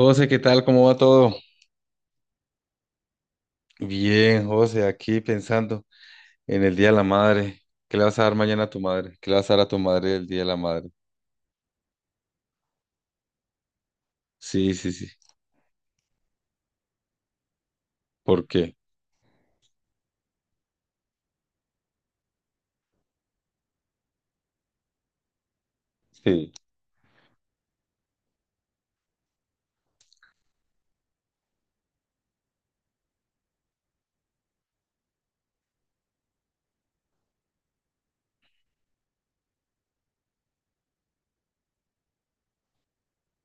José, ¿qué tal? ¿Cómo va todo? Bien, José, aquí pensando en el Día de la Madre. ¿Qué le vas a dar mañana a tu madre? ¿Qué le vas a dar a tu madre el Día de la Madre? Sí, sí, sí. ¿Por qué? Sí.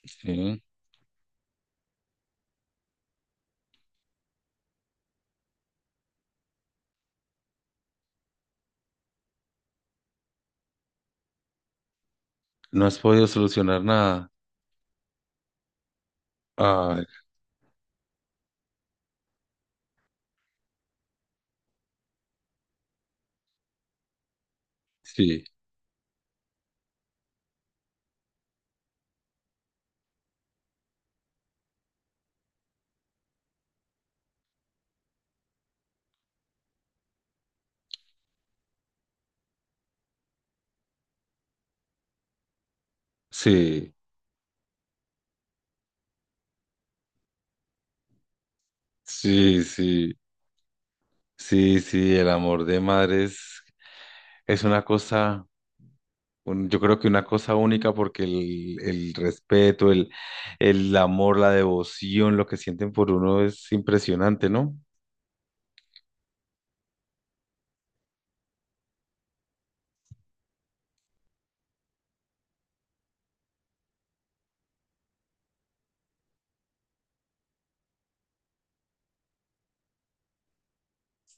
Sí. No has podido solucionar nada. Ay, sí, sí, sí, sí, sí, sí. El amor de madre es una cosa, yo creo que una cosa única porque el respeto, el amor, la devoción, lo que sienten por uno es impresionante, ¿no?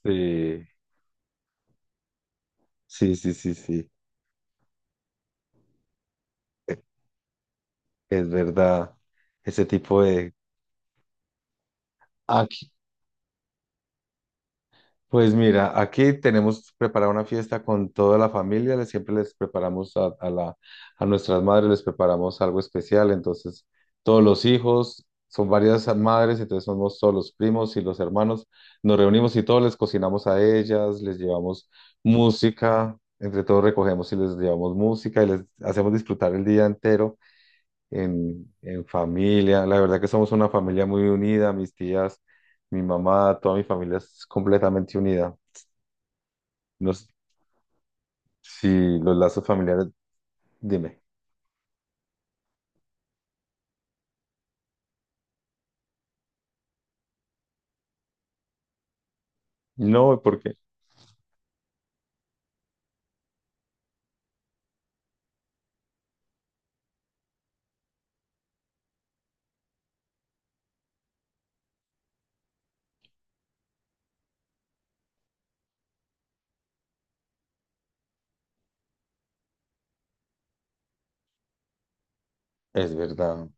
Sí, sí, sí, sí, sí, es verdad. Ese tipo de... Aquí, pues mira, aquí tenemos preparada una fiesta con toda la familia. Les siempre les preparamos a la, a nuestras madres, les preparamos algo especial, entonces todos los hijos, son varias madres, entonces somos todos los primos y los hermanos, nos reunimos y todos les cocinamos a ellas, les llevamos música, entre todos recogemos y les llevamos música y les hacemos disfrutar el día entero en familia. La verdad que somos una familia muy unida, mis tías, mi mamá, toda mi familia es completamente unida. No si los lazos familiares, dime. No, porque es verdad,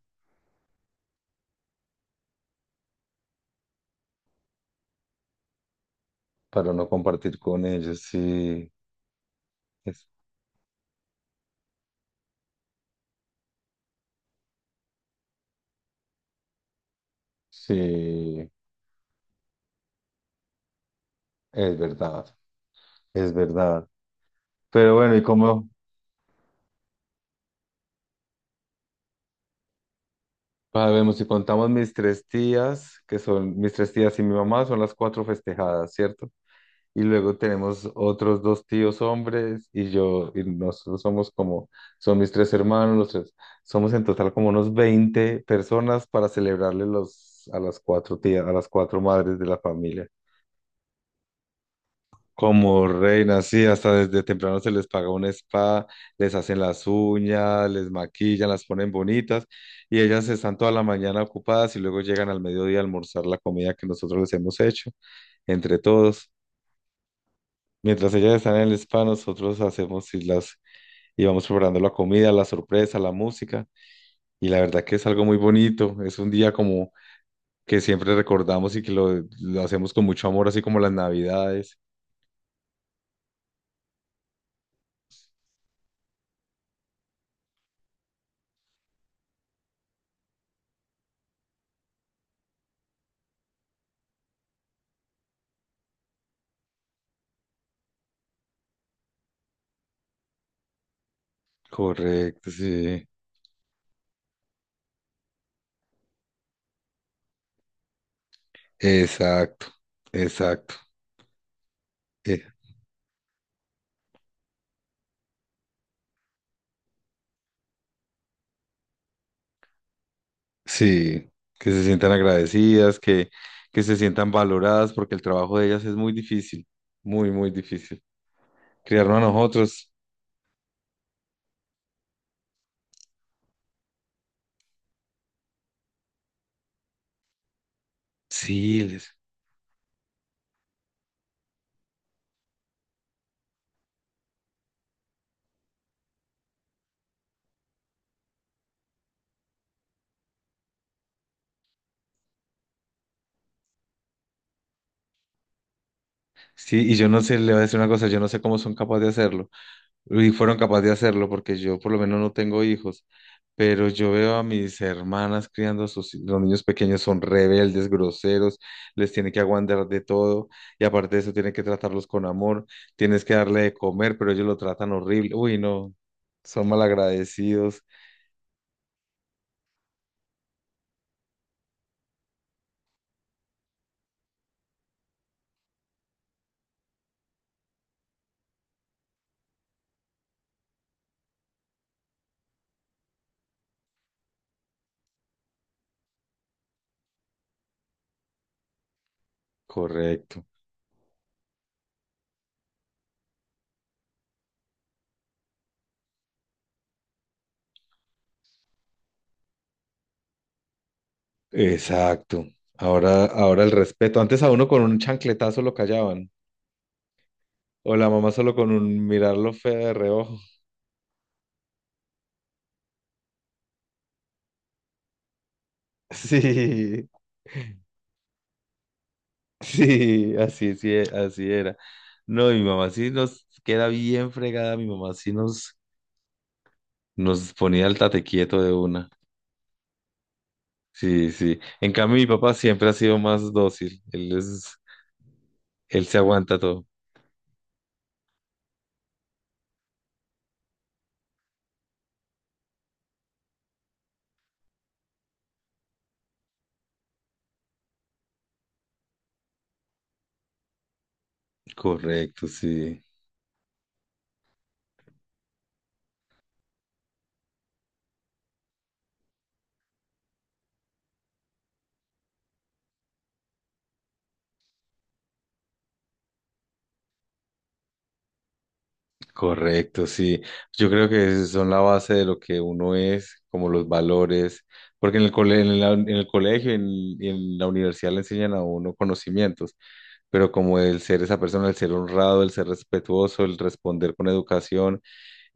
para no compartir con ellos, es, sí, es verdad, es verdad. Pero bueno, ¿y cómo? Sabemos, si contamos mis tres tías, que son mis tres tías y mi mamá, son las cuatro festejadas, ¿cierto? Y luego tenemos otros dos tíos hombres y yo, y nosotros somos como, son mis tres hermanos, los tres, somos en total como unos 20 personas para celebrarle los, a las cuatro tías, a las cuatro madres de la familia. Como reinas, sí, hasta desde temprano se les paga un spa, les hacen las uñas, les maquillan, las ponen bonitas y ellas están toda la mañana ocupadas y luego llegan al mediodía a almorzar la comida que nosotros les hemos hecho entre todos. Mientras ellas están en el spa, nosotros hacemos y las y vamos preparando la comida, la sorpresa, la música. Y la verdad que es algo muy bonito. Es un día como que siempre recordamos y que lo hacemos con mucho amor, así como las Navidades. Correcto, sí. Exacto, exacto. Eh, sí, que se sientan agradecidas, que se sientan valoradas, porque el trabajo de ellas es muy difícil, muy, muy difícil. Criarnos a nosotros, sí, les. Sí, y yo no sé, le voy a decir una cosa, yo no sé cómo son capaces de hacerlo, y fueron capaces de hacerlo, porque yo por lo menos no tengo hijos, pero yo veo a mis hermanas criando a sus, los niños pequeños, son rebeldes, groseros, les tiene que aguantar de todo, y aparte de eso tiene que tratarlos con amor, tienes que darle de comer, pero ellos lo tratan horrible, uy, no, son malagradecidos, correcto, exacto, ahora, ahora el respeto, antes a uno con un chancletazo lo callaban, o la mamá solo con un mirarlo feo de reojo. Sí, sí, así, sí, así era. No, mi mamá sí nos queda bien fregada, mi mamá sí nos, nos ponía el tate quieto de una. Sí, sí. En cambio, mi papá siempre ha sido más dócil. Él es, él se aguanta todo. Correcto, sí, correcto, sí. Yo creo que son la base de lo que uno es, como los valores, porque en el en en el colegio y en la universidad le enseñan a uno conocimientos pero como el ser esa persona, el ser honrado, el ser respetuoso, el responder con educación,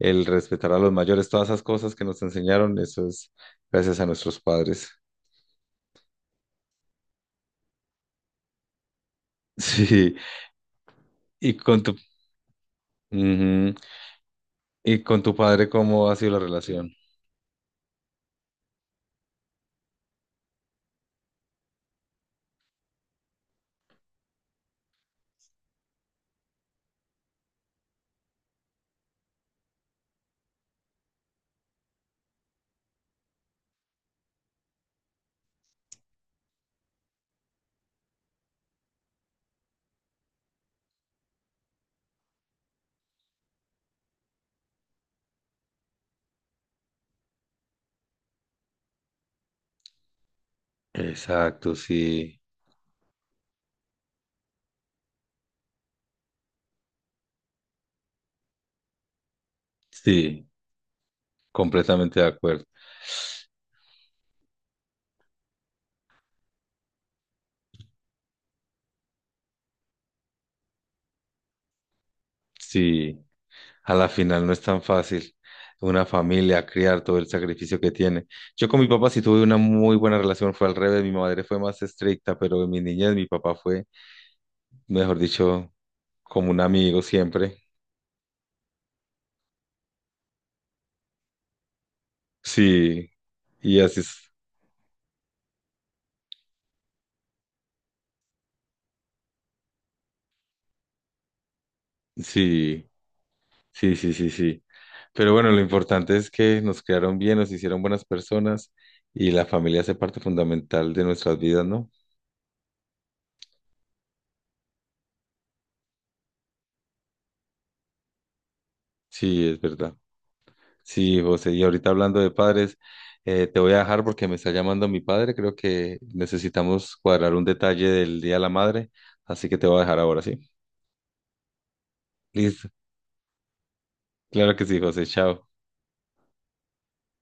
el respetar a los mayores, todas esas cosas que nos enseñaron, eso es gracias a nuestros padres. Sí, y con tu, ujú. Y con tu padre, ¿cómo ha sido la relación? Exacto, sí, sí, completamente de acuerdo. Sí. A la final no es tan fácil. Una familia, criar todo el sacrificio que tiene. Yo con mi papá sí tuve una muy buena relación, fue al revés, mi madre fue más estricta, pero en mi niñez mi papá fue, mejor dicho, como un amigo siempre. Sí, y así es. Sí, sí, sí, sí, sí. Pero bueno, lo importante es que nos crearon bien, nos hicieron buenas personas y la familia hace parte fundamental de nuestras vidas, ¿no? Sí, es verdad. Sí, José, y ahorita hablando de padres, te voy a dejar porque me está llamando mi padre. Creo que necesitamos cuadrar un detalle del Día de la Madre, así que te voy a dejar ahora, ¿sí? Listo. Claro que sí, José. Chao.